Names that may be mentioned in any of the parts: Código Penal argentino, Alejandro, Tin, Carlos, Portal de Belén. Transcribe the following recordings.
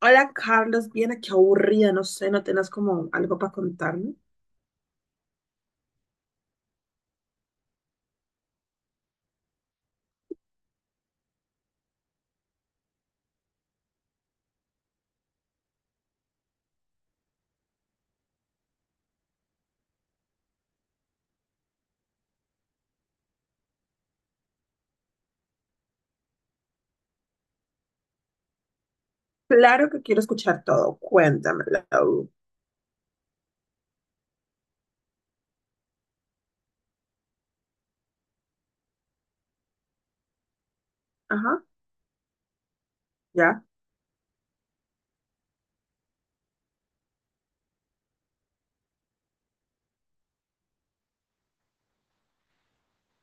Hola Carlos, bien, qué aburrida, no sé, no tenés como algo para contarme. Claro que quiero escuchar todo. Cuéntamelo. Ajá, ya.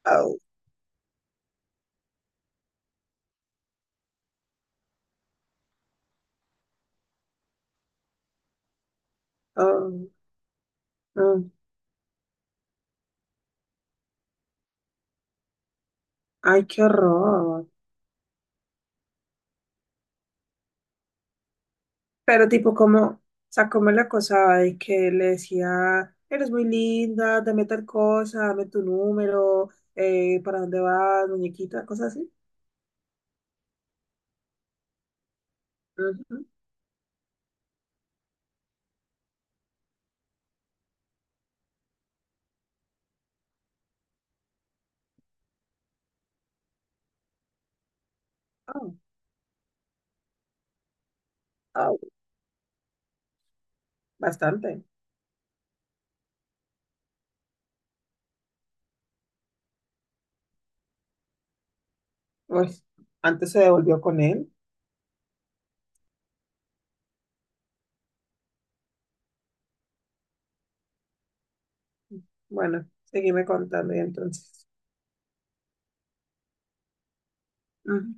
Oh, oh, oh. Ay, qué horror. Pero tipo, como, sacóme la cosa de que le decía, eres muy linda, dame tal cosa, dame tu número, ¿para dónde vas, muñequita? Cosas así. Ujú. Oh, oh, bastante. Pues, antes se devolvió con él. Bueno, seguime contando y entonces. Ujú.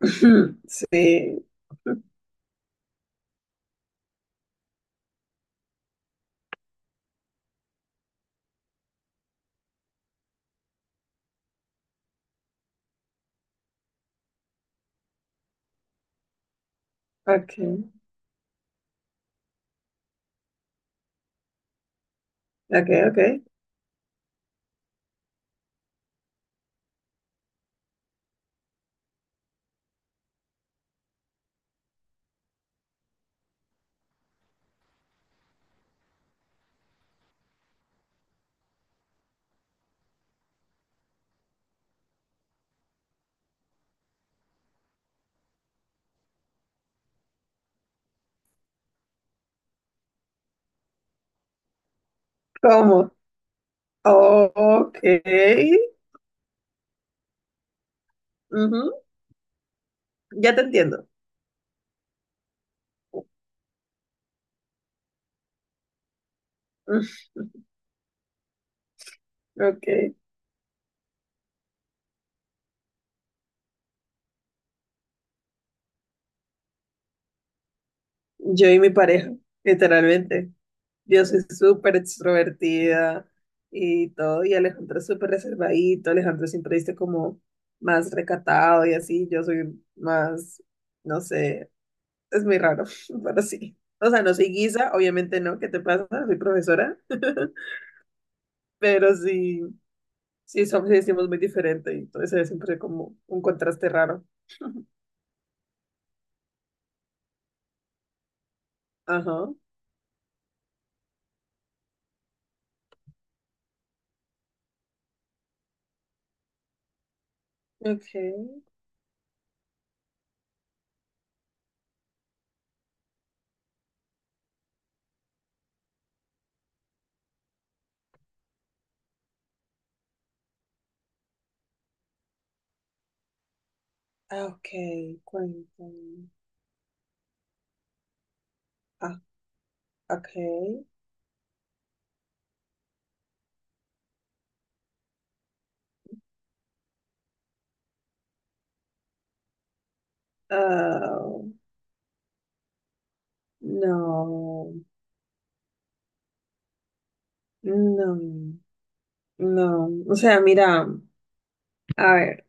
Sí. Ok, ok, ok. ¿Cómo? Ok. Ujú. Ya te entiendo. Ujú. Ok. Yo y mi pareja, literalmente. Yo soy súper extrovertida y todo, y Alejandro es súper reservadito. Alejandro siempre dice como más recatado y así. Yo soy más, no sé, es muy raro, pero sí. O sea, no soy guisa, obviamente no. ¿Qué te pasa? Soy profesora, pero sí. Sí, somos y decimos muy diferente y entonces es siempre como un contraste raro. Ajá. Okay. Ah, ok, cuéntame. Ah, okay. Ah, no, no, no. O sea, mira, a ver,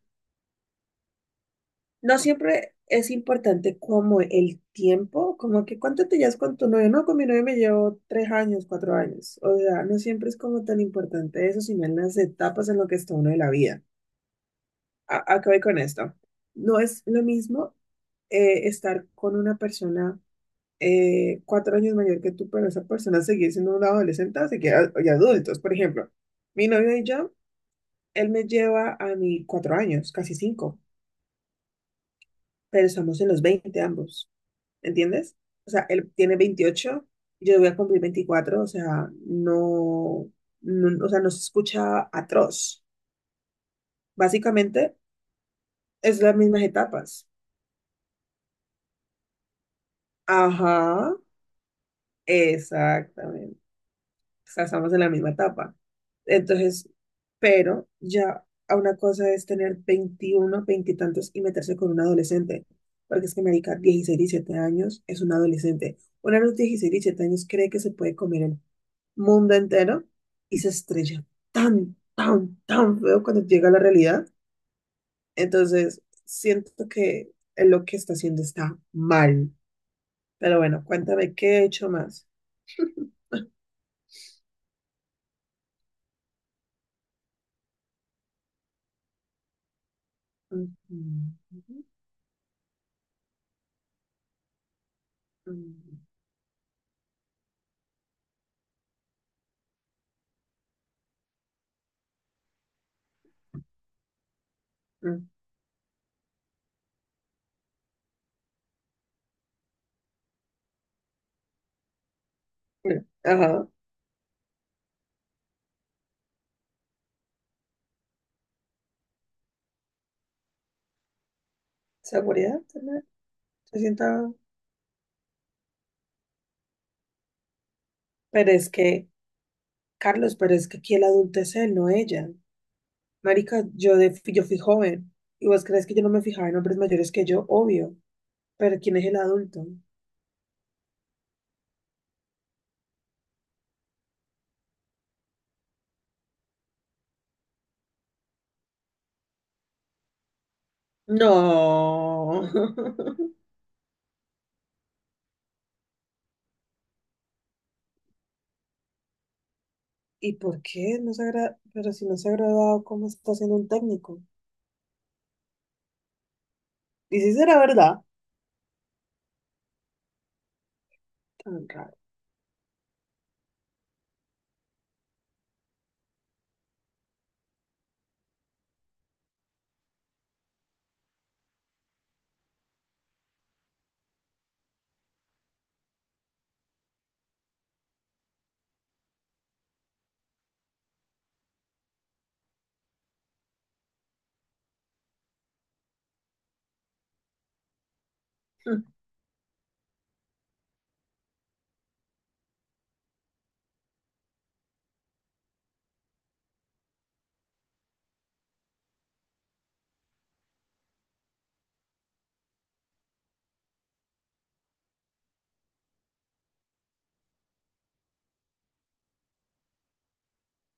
no siempre es importante como el tiempo, como que cuánto te llevas con tu novio. No, con mi novio me llevo tres años, cuatro años. O sea, no siempre es como tan importante eso, sino en las etapas en lo que está uno de la vida. A qué voy con esto. No es lo mismo estar con una persona cuatro años mayor que tú, pero esa persona seguir siendo una adolescente o seguir y adultos. Por ejemplo, mi novio y yo, él me lleva a mí cuatro años, casi cinco, pero estamos en los 20 ambos, ¿entiendes? O sea, él tiene 28, yo voy a cumplir 24. O sea, no, no, o sea, no se escucha atroz. Básicamente, es las mismas etapas. Ajá. Exactamente. O sea, estamos en la misma etapa. Entonces, pero ya a una cosa es tener 21, 20 y tantos y meterse con un adolescente. Porque es que, marica, 16, 17 años es un adolescente. Una de los 16, 17 años cree que se puede comer el mundo entero y se estrella tan, tan, tan feo cuando llega a la realidad. Entonces, siento que lo que está haciendo está mal. Pero bueno, cuéntame, ¿qué he hecho más? Ujú. Mm, mm, mm. Bueno, ajá, seguridad, tal vez. Se sienta, pero es que, Carlos, pero es que aquí el adulto es él, no ella. Marica, yo fui joven, y vos crees que yo no me fijaba en hombres mayores que yo, obvio, pero ¿quién es el adulto? No. ¿Y por qué? Pero si no se ha agradado, ¿cómo está siendo un técnico? Y si será verdad, tan raro. Mm.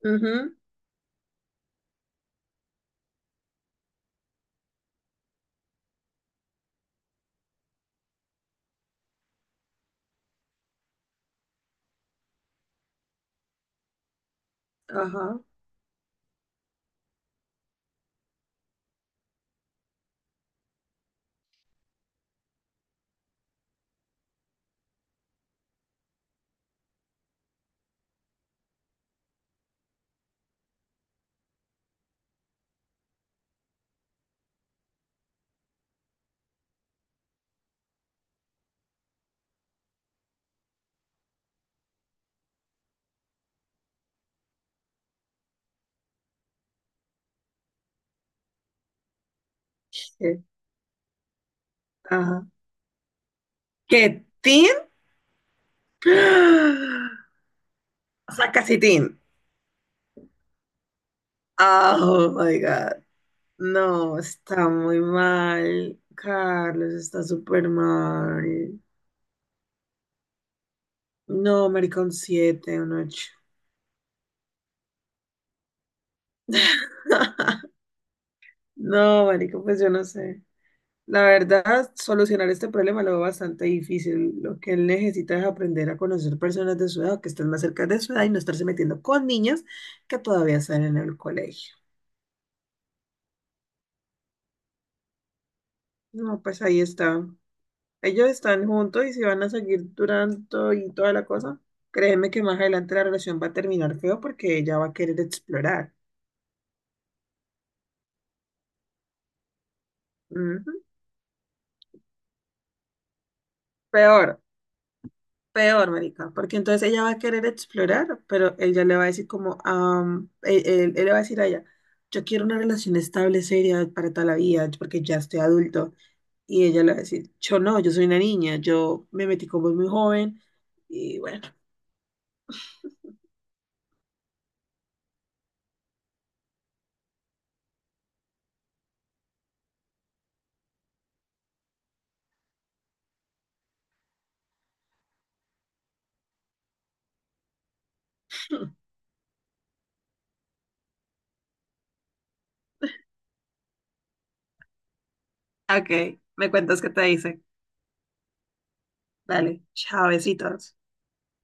Ujú. Ajá. Sí, ajá. ¿Qué, Tin? O sea, casi Tin. Ah, Oh my God. No, está muy mal. Carlos está súper mal. No, marica, un 7, un ocho. No, marica, pues yo no sé. La verdad, solucionar este problema lo veo bastante difícil. Lo que él necesita es aprender a conocer personas de su edad o que estén más cerca de su edad y no estarse metiendo con niñas que todavía están en el colegio. No, pues ahí está. Ellos están juntos y se van a seguir durando y toda la cosa. Créeme que más adelante la relación va a terminar feo porque ella va a querer explorar. Ujú. Peor, peor, marica, porque entonces ella va a querer explorar, pero él ya le va a decir como, él le va a decir a ella, yo quiero una relación estable, seria para toda la vida, porque ya estoy adulto. Y ella le va a decir, yo no, yo soy una niña, yo me metí como muy joven y bueno. Ok, me cuentas qué te dice. Dale, chavecitos.